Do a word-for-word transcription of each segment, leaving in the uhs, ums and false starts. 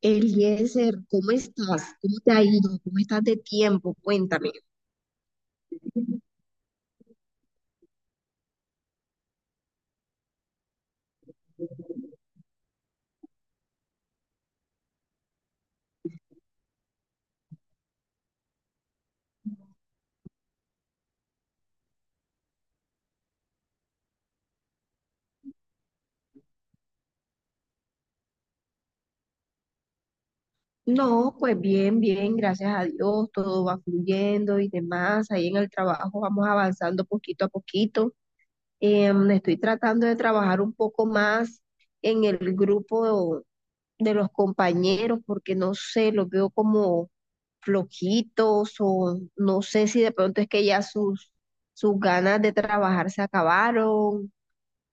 Eliezer, ¿cómo estás? ¿Cómo te ha ido? ¿Cómo estás de tiempo? Cuéntame. No, pues bien, bien, gracias a Dios, todo va fluyendo y demás. Ahí en el trabajo vamos avanzando poquito a poquito. Em, estoy tratando de trabajar un poco más en el grupo de los compañeros porque no sé, los veo como flojitos o no sé si de pronto es que ya sus, sus ganas de trabajar se acabaron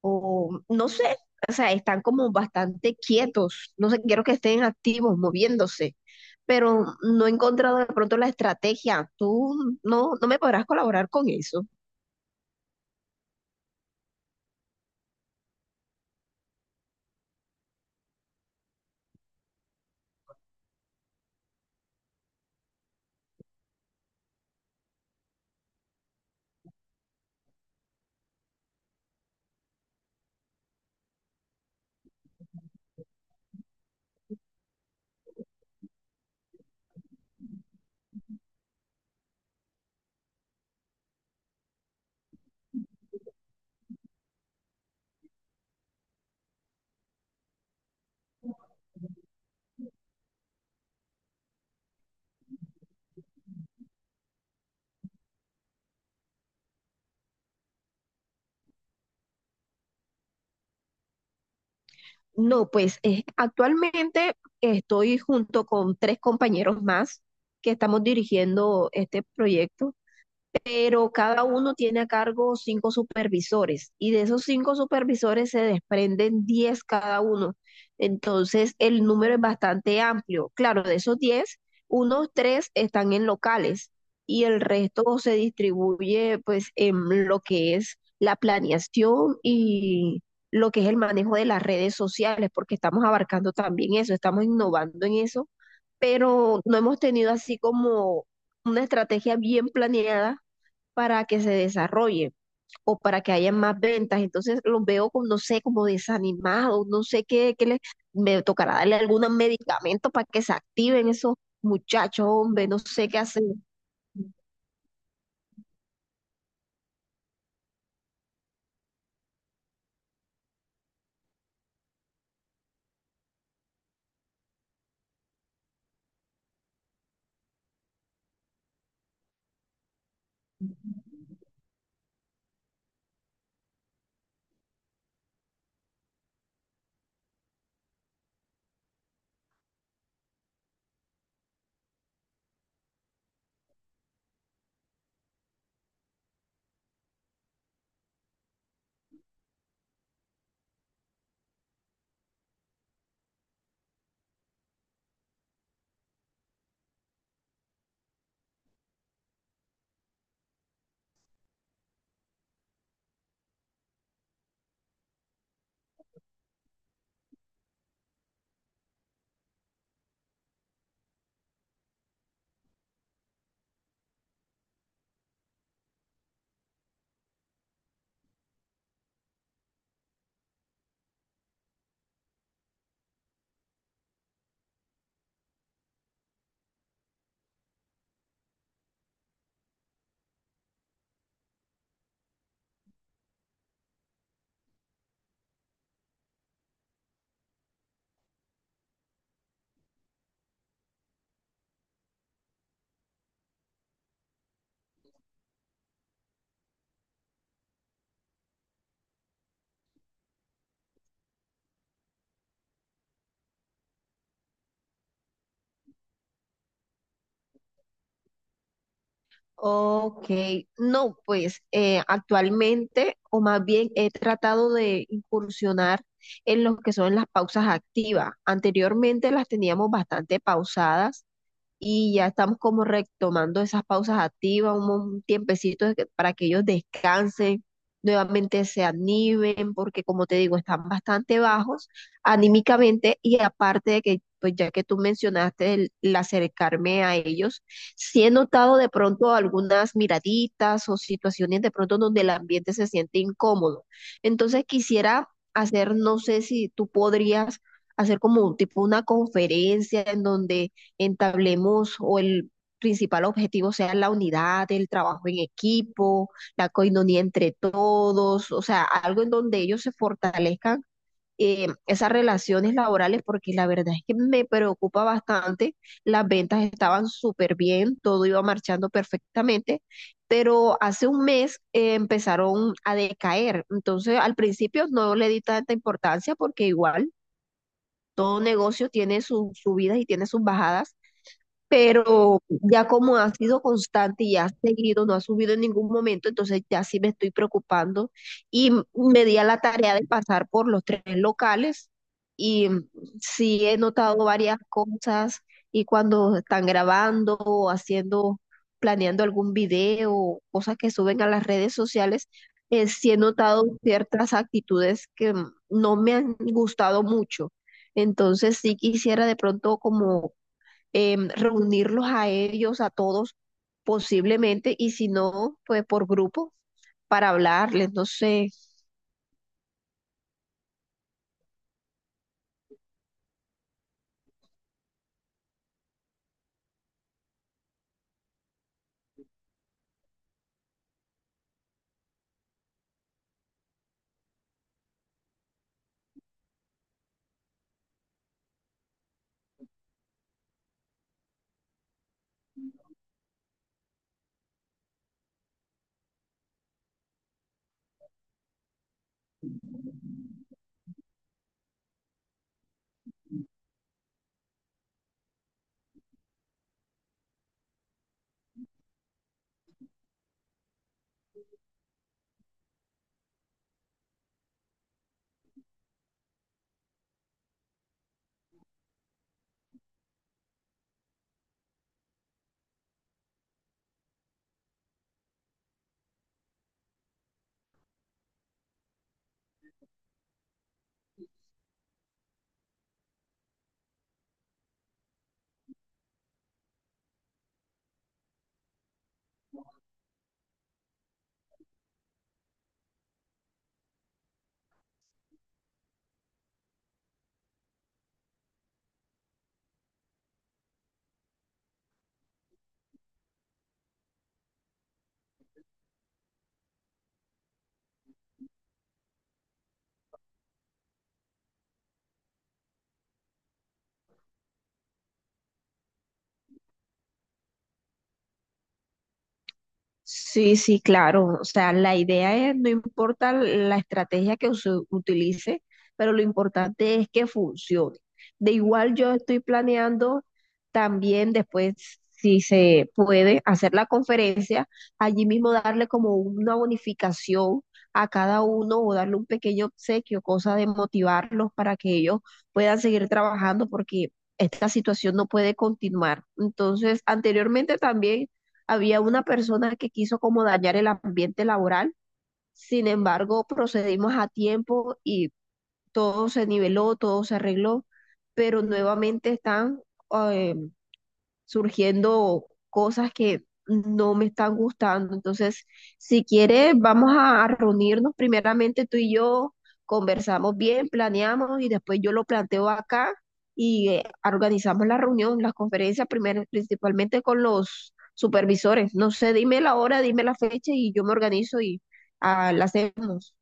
o no sé, o sea, están como bastante quietos, no sé, quiero que estén activos, moviéndose, pero no he encontrado de pronto la estrategia. Tú no, No me podrás colaborar con eso. No, pues eh, actualmente estoy junto con tres compañeros más que estamos dirigiendo este proyecto. Pero cada uno tiene a cargo cinco supervisores y de esos cinco supervisores se desprenden diez cada uno. Entonces, el número es bastante amplio. Claro, de esos diez, unos tres están en locales y el resto se distribuye pues en lo que es la planeación y lo que es el manejo de las redes sociales, porque estamos abarcando también eso, estamos innovando en eso, pero no hemos tenido así como una estrategia bien planeada para que se desarrolle o para que haya más ventas. Entonces los veo como, no sé, como desanimados, no sé qué, qué les, me tocará darle algún medicamento para que se activen esos muchachos, hombre, no sé qué hacer. Ok, no, pues eh, actualmente, o más bien he tratado de incursionar en lo que son las pausas activas. Anteriormente las teníamos bastante pausadas y ya estamos como retomando esas pausas activas, un, mo- un tiempecito de que- para que ellos descansen, nuevamente se animen, porque como te digo, están bastante bajos anímicamente y aparte de que, pues ya que tú mencionaste el, el acercarme a ellos, sí he notado de pronto algunas miraditas o situaciones de pronto donde el ambiente se siente incómodo. Entonces quisiera hacer, no sé si tú podrías hacer como un tipo una conferencia en donde entablemos o el principal objetivo sea la unidad, el trabajo en equipo, la coinonía entre todos, o sea, algo en donde ellos se fortalezcan eh, esas relaciones laborales, porque la verdad es que me preocupa bastante. Las ventas estaban súper bien, todo iba marchando perfectamente, pero hace un mes eh, empezaron a decaer. Entonces, al principio no le di tanta importancia porque igual todo negocio tiene sus subidas y tiene sus bajadas, pero ya como ha sido constante y ha seguido, no ha subido en ningún momento, entonces ya sí me estoy preocupando y m- me di a la tarea de pasar por los tres locales y mm, sí he notado varias cosas y cuando están grabando o haciendo, planeando algún video, cosas que suben a las redes sociales, eh, sí he notado ciertas actitudes que mm, no me han gustado mucho. Entonces sí quisiera de pronto como em, reunirlos a ellos, a todos posiblemente, y si no, pues por grupo para hablarles, no sé. Sí, sí, claro. O sea, la idea es, no importa la estrategia que se utilice, pero lo importante es que funcione. De igual yo estoy planeando también después, si se puede, hacer la conferencia, allí mismo darle como una bonificación a cada uno o darle un pequeño obsequio, cosa de motivarlos para que ellos puedan seguir trabajando porque esta situación no puede continuar. Entonces, anteriormente también... Había una persona que quiso como dañar el ambiente laboral, sin embargo, procedimos a tiempo y todo se niveló, todo se arregló, pero nuevamente están, eh, surgiendo cosas que no me están gustando. Entonces, si quieres, vamos a, a reunirnos primeramente tú y yo, conversamos bien, planeamos y después yo lo planteo acá y eh, organizamos la reunión, las conferencias, primero, principalmente con los supervisores. No sé, dime la hora, dime la fecha y yo me organizo y ah, la hacemos.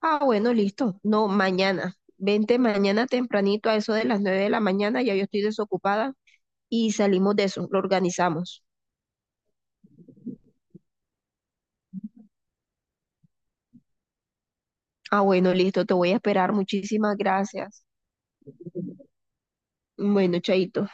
Ah, bueno, listo. No, mañana. Vente mañana tempranito a eso de las nueve de la mañana, ya yo estoy desocupada y salimos de eso, lo organizamos. Ah, bueno, listo, te voy a esperar. Muchísimas gracias. Bueno, chaito.